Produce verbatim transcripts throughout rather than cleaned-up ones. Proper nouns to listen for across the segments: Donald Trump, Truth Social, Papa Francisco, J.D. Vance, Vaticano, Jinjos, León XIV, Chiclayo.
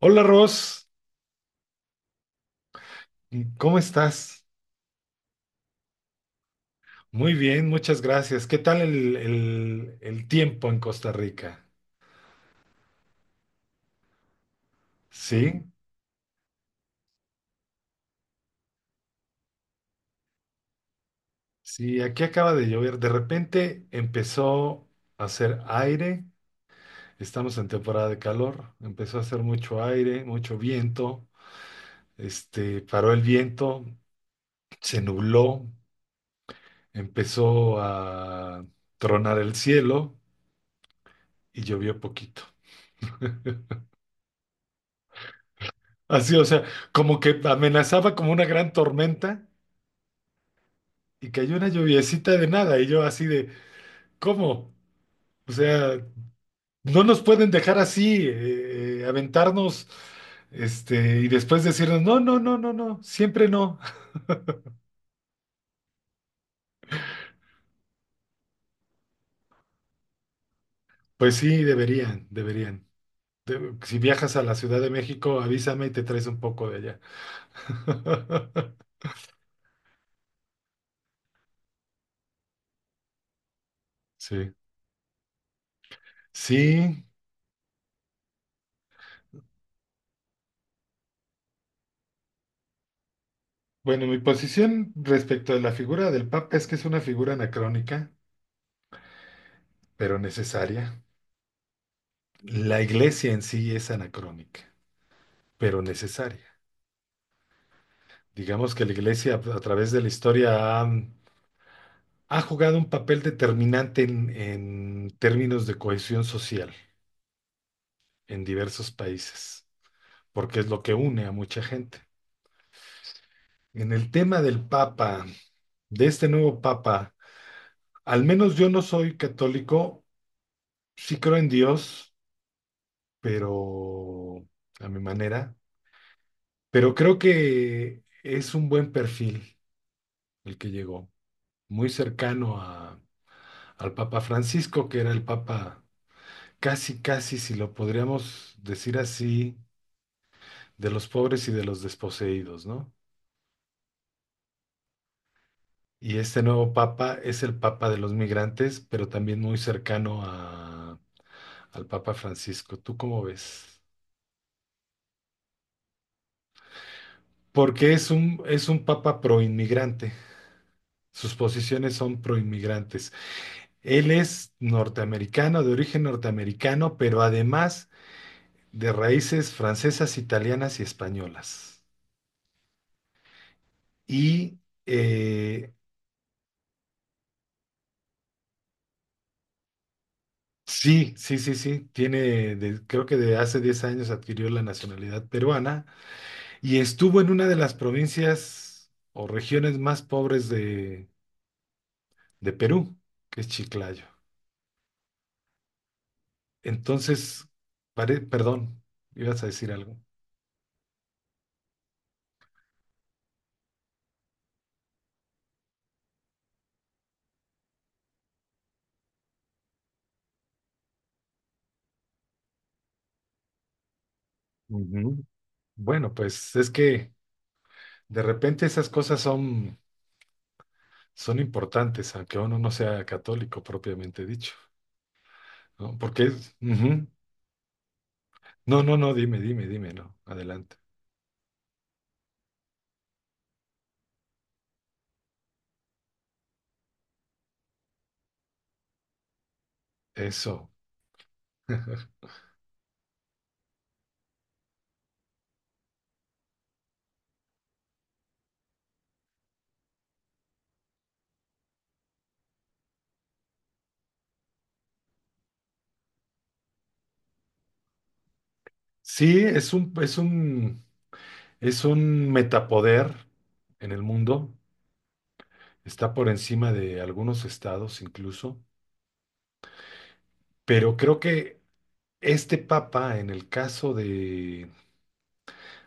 Hola Ros, ¿cómo estás? Muy bien, muchas gracias. ¿Qué tal el, el- el tiempo en Costa Rica? Sí, sí, aquí acaba de llover. De repente empezó a hacer aire. Estamos en temporada de calor. Empezó a hacer mucho aire, mucho viento. Este, paró el viento, se nubló, empezó a tronar el cielo y llovió poquito. Así, o sea, como que amenazaba como una gran tormenta. Y cayó una lluviecita de nada, y yo así de, ¿cómo? O sea, no nos pueden dejar así, eh, eh, aventarnos, este, y después decirnos, no, no, no, no, no, siempre no. Pues sí, deberían, deberían. De- si viajas a la Ciudad de México, avísame y te traes un poco de allá. Sí. Sí, bueno, mi posición respecto de la figura del Papa es que es una figura anacrónica, pero necesaria. La iglesia en sí es anacrónica, pero necesaria. Digamos que la iglesia a través de la historia ha, ha jugado un papel determinante en, en términos de cohesión social en diversos países, porque es lo que une a mucha gente. En el tema del Papa, de este nuevo Papa, al menos yo no soy católico, sí creo en Dios, pero a mi manera, pero creo que es un buen perfil el que llegó, muy cercano a, al Papa Francisco, que era el Papa casi, casi, si lo podríamos decir así, de los pobres y de los desposeídos, ¿no? Y este nuevo papa es el papa de los migrantes, pero también muy cercano a- al papa Francisco. ¿Tú cómo ves? Porque es un, es un papa proinmigrante. Sus posiciones son proinmigrantes. Él es norteamericano, de origen norteamericano, pero además de raíces francesas, italianas y españolas. Y eh, Sí, sí, sí, sí. Tiene, de- creo que de hace diez años adquirió la nacionalidad peruana y estuvo en una de las provincias o regiones más pobres de, de Perú, que es Chiclayo. Entonces, pare- perdón, ibas a decir algo. Ujú. Bueno, pues es que de repente esas cosas son, son importantes, aunque uno no sea católico propiamente dicho, ¿no? Porque, es- ujú. No, no, no, dime, dime, dime, no, adelante. Eso. Sí, es un, es un, es un metapoder en el mundo. Está por encima de algunos estados incluso. Pero creo que este papa, en el caso de,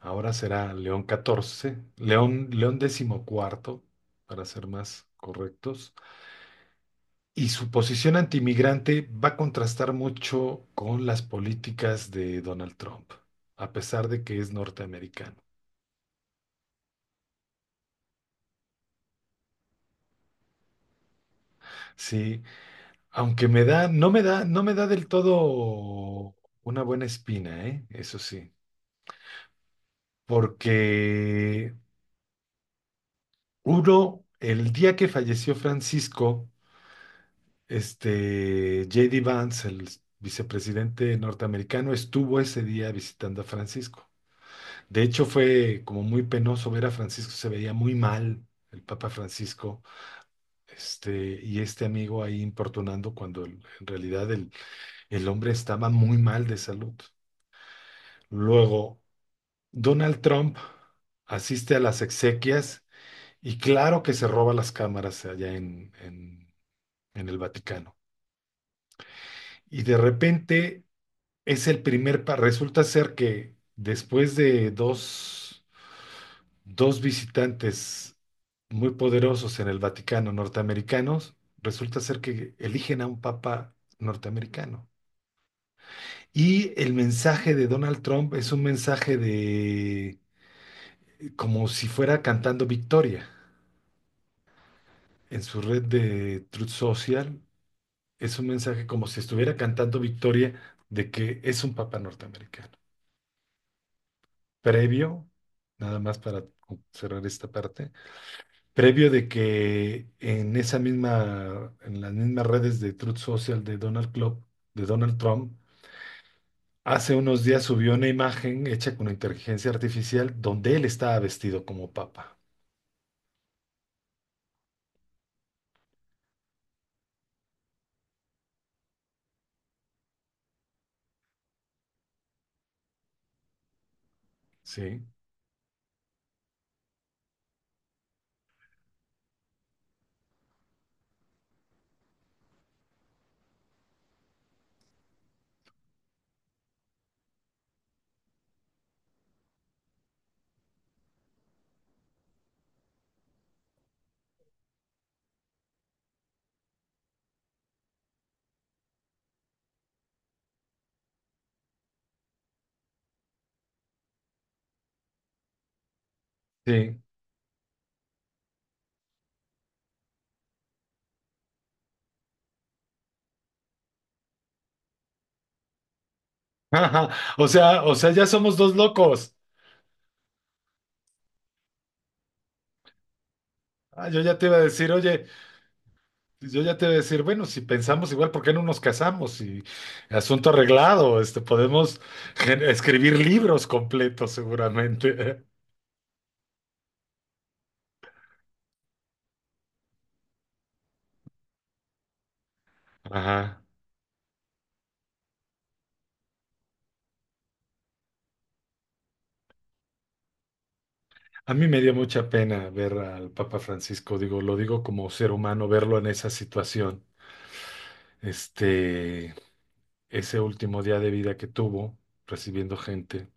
ahora será León catorce León, León décimo cuarto, para ser más correctos, y su posición antimigrante va a contrastar mucho con las políticas de Donald Trump, a pesar de que es norteamericano. Sí, aunque me da, no me da, no me da del todo una buena espina, ¿eh? Eso sí. Porque uno, el día que falleció Francisco, este J D. Vance, el vicepresidente norteamericano, estuvo ese día visitando a Francisco. De hecho, fue como muy penoso ver a Francisco, se veía muy mal el Papa Francisco, este, y este amigo ahí importunando cuando el- en realidad el, el hombre estaba muy mal de salud. Luego, Donald Trump asiste a las exequias y claro que se roba las cámaras allá en, en- en el Vaticano. Y de repente es el primer, pa- resulta ser que después de dos, dos visitantes muy poderosos en el Vaticano norteamericanos, resulta ser que eligen a un papa norteamericano. Y el mensaje de Donald Trump es un mensaje de como si fuera cantando victoria. En su red de Truth Social, es un mensaje como si estuviera cantando victoria de que es un papa norteamericano. Previo, nada más para cerrar esta parte, previo de que en esa misma, en las mismas redes de Truth Social de Donald Club, de Donald Trump, hace unos días subió una imagen hecha con inteligencia artificial donde él estaba vestido como papa. Sí, sí. O sea, o sea, ya somos dos locos. Ah, yo ya te iba a decir, oye, pues, yo ya te voy a decir, bueno, si pensamos igual, ¿por qué no nos casamos? Y asunto arreglado, este, podemos gen- escribir libros completos seguramente. Ajá. A mí me dio mucha pena ver al Papa Francisco, digo, lo digo como ser humano, verlo en esa situación. Este, Ese último día de vida que tuvo, recibiendo gente.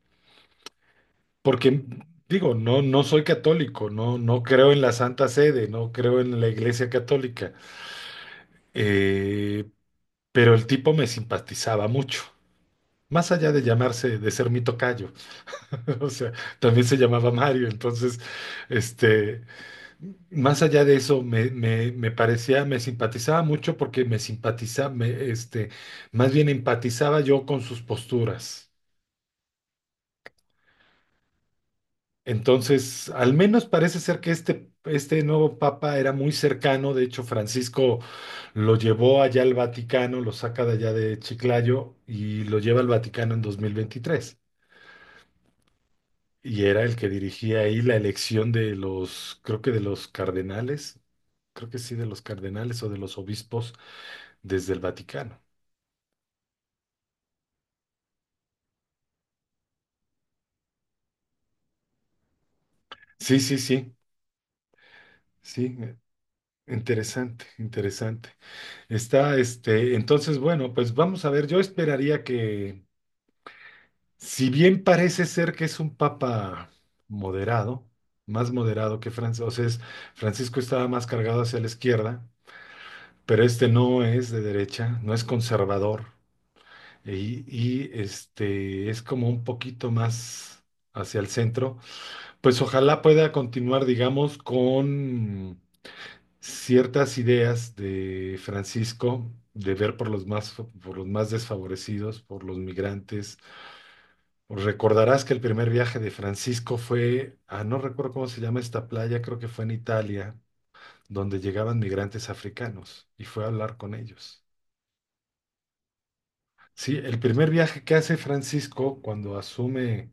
Porque, digo, no, no soy católico, no, no creo en la Santa Sede, no, creo en la Iglesia Católica. Eh, pero el tipo me simpatizaba mucho. Más allá de llamarse, de ser mi tocayo, o sea, también se llamaba Mario, entonces, este, más allá de eso, me, me- me parecía, me simpatizaba mucho porque me simpatizaba, me este, más bien empatizaba yo con sus posturas. Entonces, al menos parece ser que este, este nuevo papa era muy cercano, de hecho, Francisco lo llevó allá al Vaticano, lo saca de allá de Chiclayo y lo lleva al Vaticano en dos mil veintitrés. Y era el que dirigía ahí la elección de los, creo que de los cardenales, creo que sí, de los cardenales o de los obispos desde el Vaticano. Sí, sí, sí, sí, eh, interesante, interesante. Está, este, entonces, bueno, pues vamos a ver, yo esperaría que, si bien parece ser que es un papa moderado, más moderado que Francisco, o sea, es- Francisco estaba más cargado hacia la izquierda, pero este no es de derecha, no es conservador. y, y, este es como un poquito más hacia el centro, pues ojalá pueda continuar, digamos, con ciertas ideas de Francisco de ver por los más, por los más desfavorecidos, por los migrantes. Recordarás que el primer viaje de Francisco fue a, no recuerdo cómo se llama esta playa, creo que fue en Italia, donde llegaban migrantes africanos y fue a hablar con ellos. Sí, el primer viaje que hace Francisco cuando asume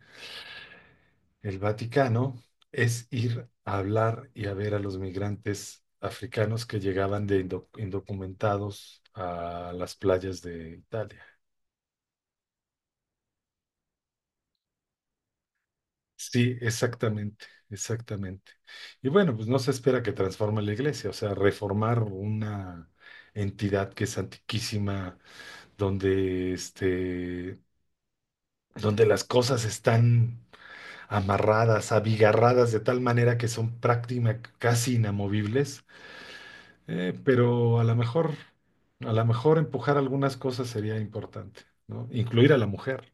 el Vaticano es ir a hablar y a ver a los migrantes africanos que llegaban de indo- indocumentados a las playas de Italia. Sí, exactamente, exactamente. Y bueno, pues no se espera que transforme la iglesia, o sea, reformar una entidad que es antiquísima, donde este, donde las cosas están amarradas, abigarradas de tal manera que son prácticamente casi inamovibles. Eh, pero a lo mejor, a lo mejor empujar algunas cosas sería importante, ¿no? Incluir a la mujer,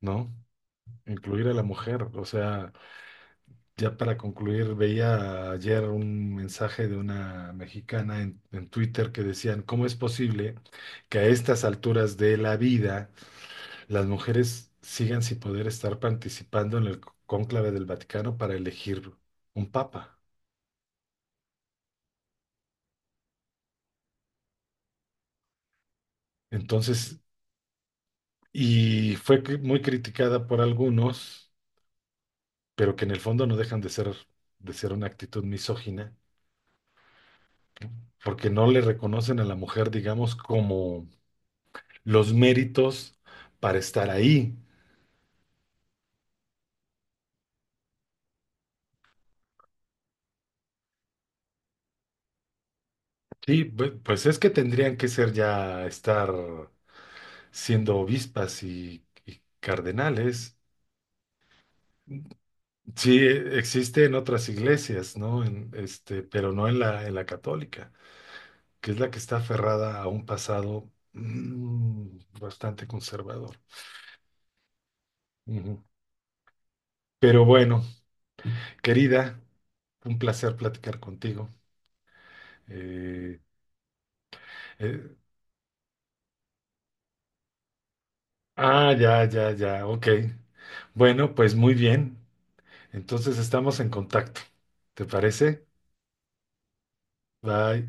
¿no? Incluir a la mujer. O sea, ya para concluir, veía ayer un mensaje de una mexicana en, en Twitter que decían, ¿cómo es posible que a estas alturas de la vida las mujeres sigan sin poder estar participando en el cónclave del Vaticano para elegir un papa? Entonces, y fue cri- muy criticada por algunos pero que en el fondo no dejan de ser, de ser una actitud misógina, porque no le reconocen a la mujer, digamos, como los méritos para estar ahí. Sí, bu- pues es que tendrían que ser ya estar siendo obispas y, y cardenales. Sí, e- existe en otras iglesias, ¿no? En, este, pero no en la, en la católica, que es la que está aferrada a un pasado mm, bastante conservador. Ujú. Pero bueno, querida. Un placer platicar contigo. Eh, eh, ah, ya, ya, ya, ok. Bueno, pues muy bien. Entonces estamos en contacto. ¿Te parece? Bye.